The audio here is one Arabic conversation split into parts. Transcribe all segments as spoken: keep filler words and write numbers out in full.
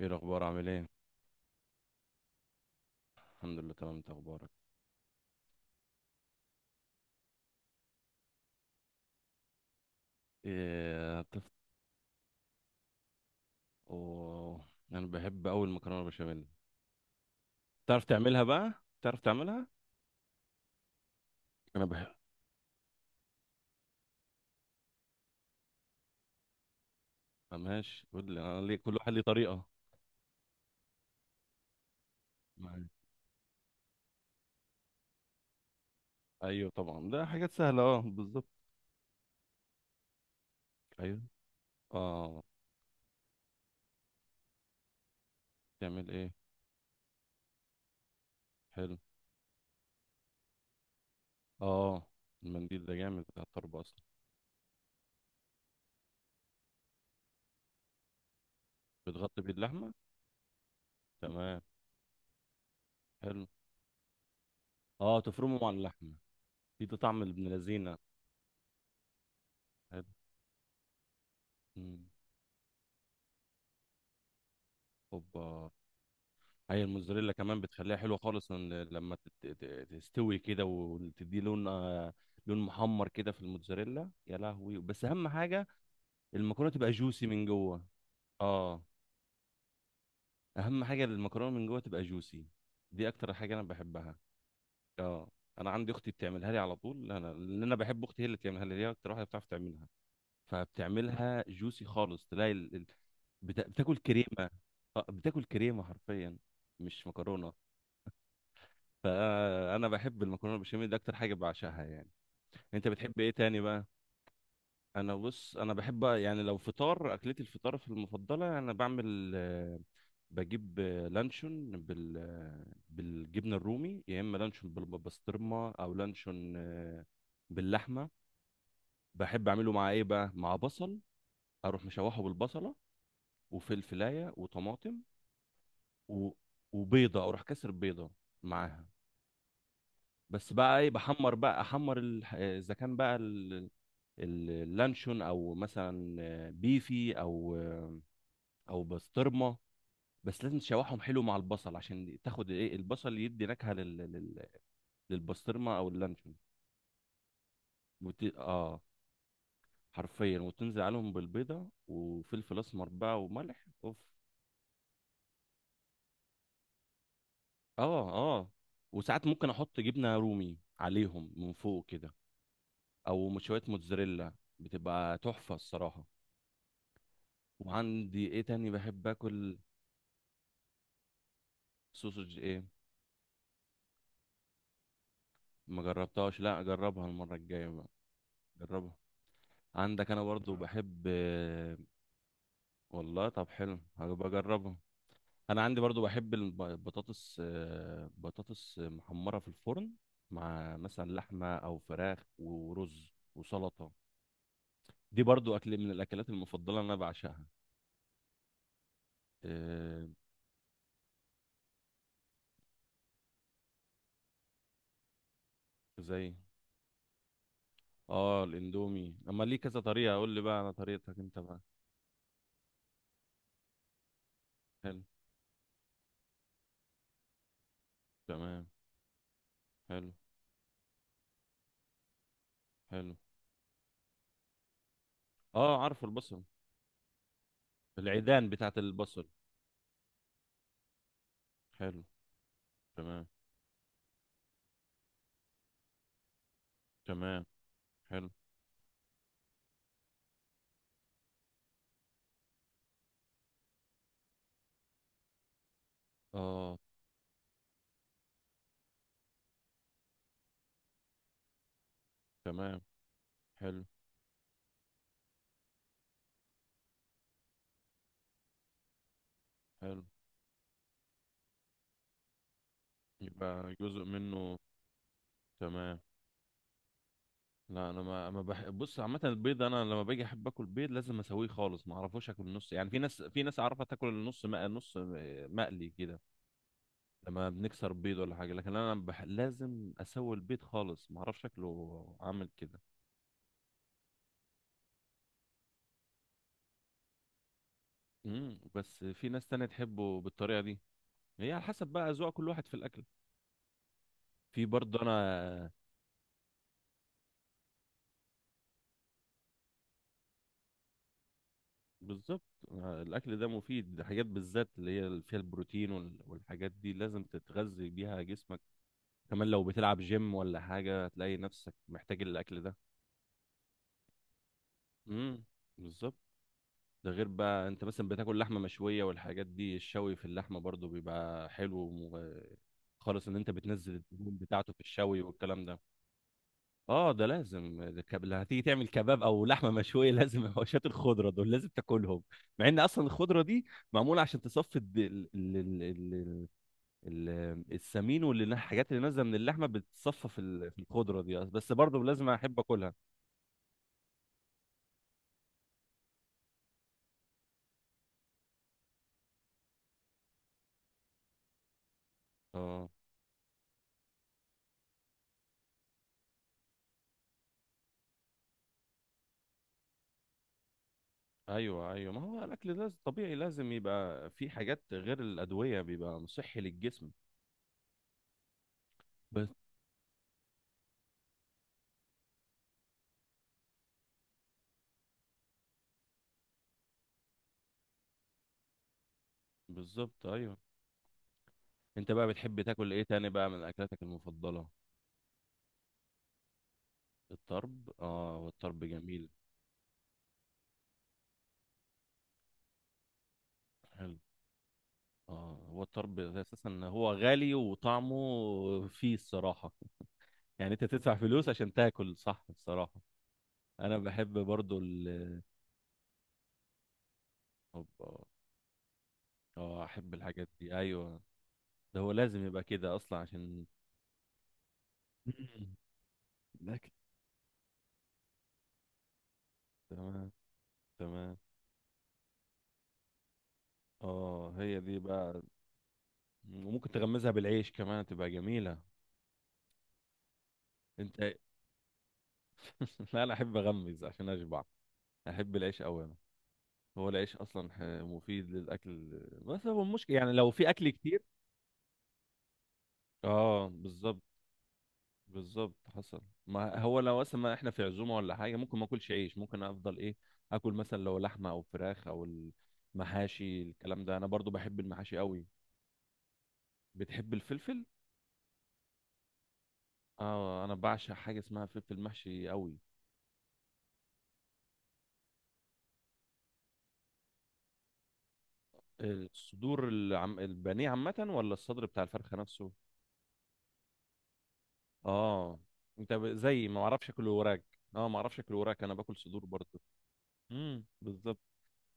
ايه الاخبار؟ عامل ايه؟ الحمد لله، تمام. انت اخبارك؟ ايه هتفط؟ اوه. انا بحب اول مكرونه بشاميل. تعرف تعملها بقى؟ تعرف تعملها؟ انا بحب. آه، ماشي، قول لي، انا ليه كل واحد ليه طريقه. معايا. ايوه طبعا، ده حاجات سهله، اه، بالظبط. ايوه. اه. تعمل ايه؟ حلو. اه، المنديل ده جامد بتاع الطرب اصلا. بتغطي بيه اللحمه، تمام. حلو، اه، تفرمه مع اللحمه. في طعم ابن لذينه. حلو. مم. اوبا. هي الموزاريلا كمان بتخليها حلوه خالص، إن لما تت- ت- تستوي كده وتدي لون آه، لون محمر كده في الموزاريلا، يا لهوي، بس اهم حاجه المكرونه تبقى جوسي من جوه. اه، اهم حاجه المكرونه من جوه تبقى جوسي، دي اكتر حاجه انا بحبها. اه، انا عندي اختي بتعملها لي على طول، انا لان انا بحب اختي، هي اللي بتعملها لي، هي اكتر واحده بتعرف تعملها، فبتعملها جوسي خالص تلاقي ال... ال- بتا... بتاكل كريمه. آه، بتاكل كريمه حرفيا، مش مكرونه. فانا بحب المكرونه بالبشاميل، دي اكتر حاجه بعشقها يعني. انت بتحب ايه تاني بقى؟ انا بص، انا بحب يعني لو فطار، اكلتي الفطار في المفضله، انا بعمل آه، بجيب آه، لانشون بال آه، بالجبنه الرومي، يا اما لانشون بالبسطرمه، او لانشون آه، باللحمه. بحب اعمله مع ايه بقى؟ مع بصل، اروح مشوحه بالبصله وفلفلايه وطماطم و... وبيضه، اروح كسر بيضه معاها. بس بقى ايه، بحمر بقى، احمر ال... اذا كان بقى اللانشون، او مثلا بيفي، او او بسطرمه. بس لازم تشوحهم حلو مع البصل عشان تاخد ايه، البصل يدي نكهه لل... لل... للبسطرمه او اللانشون. وت... اه حرفيا، وتنزل عليهم بالبيضه وفلفل اسمر بقى وملح، اوف. اه، اه، وساعات ممكن احط جبنه رومي عليهم من فوق كده، او شويه موتزاريلا، بتبقى تحفه الصراحه. وعندي ايه تاني بحب اكل؟ سوسج ايه؟ ما جربتهاش، لا جربها المرة الجاية بقى، جربها. عندك، انا برضو بحب آه، والله، طب حلو، هبقى اجربها. انا عندي برضو بحب الب- البطاطس، آه، بطاطس محمرة في الفرن، مع مثلا لحمة او فراخ ورز وسلطة. دي برضو اكل من الاكلات المفضلة اللي انا بعشقها. آه، زي. اه، الاندومي، اما ليه كذا طريقة، اقول لي بقى على طريقتك انت بقى. حلو، تمام، حلو، حلو. اه، عارف البصل، العيدان بتاعت البصل. حلو، تمام، تمام، حلو، اه، تمام، حلو، حلو. يبقى جزء منه، تمام. لا، انا ما ما بح... بص، عامه البيض انا لما باجي احب اكل بيض لازم اسويه خالص، ما اعرفوش اكل النص، يعني في ناس، في ناس اعرفها تاكل النص مق... نص مقلي كده، لما بنكسر بيض ولا حاجه، لكن انا بح... لازم اسوي البيض خالص، ما اعرفش شكله عامل كده. امم بس في ناس تانية تحبه بالطريقه دي، هي على حسب بقى اذواق كل واحد في الاكل. في برضه انا. بالظبط. آه، الاكل ده مفيد، ده حاجات بالذات اللي هي اللي فيها البروتين وال- والحاجات دي لازم تتغذي بيها جسمك. كمان لو بتلعب جيم ولا حاجه هتلاقي نفسك محتاج الاكل ده. امم بالظبط. ده غير بقى، انت مثلا بتاكل لحمه مشويه والحاجات دي، الشوي في اللحمه برضو بيبقى حلو وم- خالص، ان انت بتنزل الدهون بتاعته في الشوي والكلام ده. اه، ده لازم، ده كب... لو هتيجي تعمل كباب او لحمه مشويه لازم حواشات الخضره دول لازم تاكلهم، مع ان اصلا الخضره دي معموله عشان تصفي الد... ال... ال... ال... ال... ال- السمين والحاجات اللي نازله من اللحمه، بتصفى في، ال... في الخضره دي، بس برضه لازم احب اكلها. اه، ايوه، ايوه، ما هو الاكل لازم طبيعي، لازم يبقى في حاجات غير الادويه، بيبقى صحي للجسم. بس. بالظبط. ايوه. انت بقى بتحب تاكل ايه تاني بقى من اكلاتك المفضله؟ الطرب، اه، والطرب جميل. حلو. اه، هو الطرب اساسا هو غالي وطعمه فيه الصراحه، يعني انت تدفع فلوس عشان تاكل، صح الصراحه. انا بحب برضو ال. اه. آه، احب الحاجات دي، ايوه. ده هو لازم يبقى كده اصلا عشان الاكل. تمام، تمام. اه، هي دي بقى، وممكن تغمزها بالعيش كمان، تبقى جميله. انت. لا، انا احب اغمز عشان اشبع، احب العيش قوي انا. هو العيش اصلا ح- مفيد للاكل، بس هو المشكله يعني لو في اكل كتير. اه، بالظبط. بالظبط، حصل. ما هو لو مثلا، ما احنا في عزومه ولا حاجه، ممكن ما اكلش عيش، ممكن افضل ايه، اكل مثلا لو لحمه او فراخ، او المحاشي، الكلام ده، انا برضو بحب المحاشي قوي. بتحب الفلفل؟ اه، انا بعشق حاجه اسمها فلفل محشي قوي. الصدور، العم... البانيه عامه، ولا الصدر بتاع الفرخه نفسه؟ اه، انت ب... زي ما اعرفش اكل وراك. اه، ما اعرفش اكل وراك، انا باكل صدور برضو. امم بالظبط.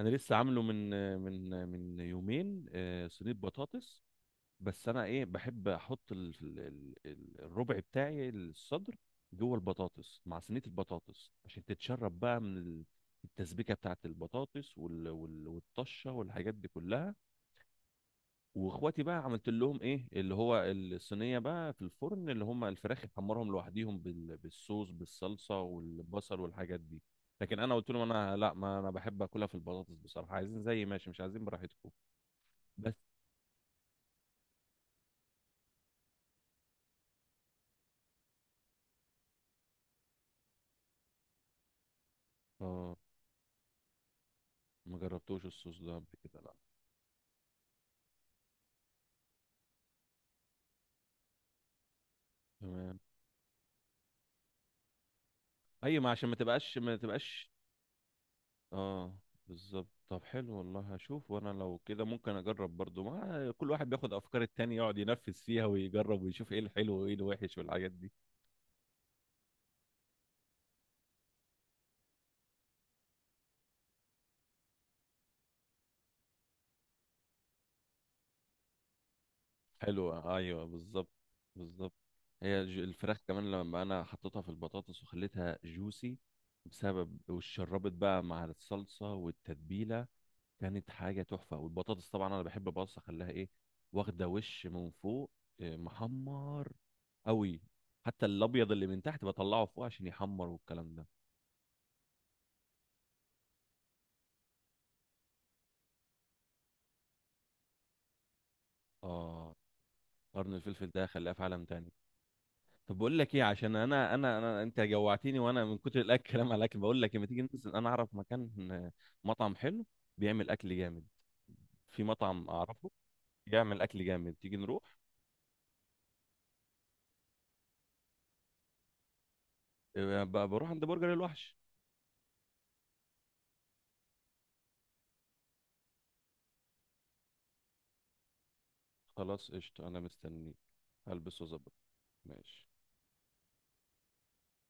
انا لسه عامله من من من يومين آه، صينيه بطاطس. بس انا ايه، بحب احط ال- ال- ال- ال- الربع بتاعي الصدر جوه البطاطس، مع صينيه البطاطس عشان تتشرب بقى من ال- التسبيكه بتاعت البطاطس وال- وال- والطشه والحاجات دي كلها. واخواتي بقى عملت لهم ايه، اللي هو الصينيه بقى في الفرن، اللي هم الفراخ يحمرهم لوحديهم بال- بالصوص، بالصلصه والبصل والحاجات دي. لكن انا قلت لهم، انا لا، ما انا بحب اكلها في البطاطس بصراحه، عايزين زي ماشي، مش عايزين براحتكم. بس، اه، ما جربتوش الصوص ده قبل كده، لا. تمام. اي، ما عشان ما تبقاش ما تبقاش. اه، بالظبط، طب حلو، والله هشوف، وانا لو كده ممكن اجرب برضو، ما كل واحد بياخد افكار التاني يقعد ينفذ فيها ويجرب ويشوف ايه الحلو وايه الوحش والحاجات دي. حلوة، أيوة، بالظبط. بالظبط. هي الج- الفراخ كمان لما أنا حطيتها في البطاطس وخليتها جوسي بسبب والشربت بقى مع الصلصة والتتبيلة، كانت حاجة تحفة. والبطاطس طبعا أنا بحب، بص أخليها إيه، واخدة وش من فوق، إيه، محمر أوي. حتى الأبيض اللي من تحت بطلعه فوق عشان يحمر والكلام ده. آه، قرن الفلفل ده خلاه في عالم تاني. طب بقول لك ايه، عشان انا انا انا انت جوعتني، وانا من كتر الاكل كلام على الاكل، بقول لك لما تيجي ننزل، انا اعرف مكان مطعم حلو، بيعمل اكل جامد. في مطعم اعرفه يعمل اكل جامد، تيجي نروح. إيه، ب- بروح عند برجر الوحش. خلاص، قشطة، انا مستنيك، هلبس واظبط. ماشي.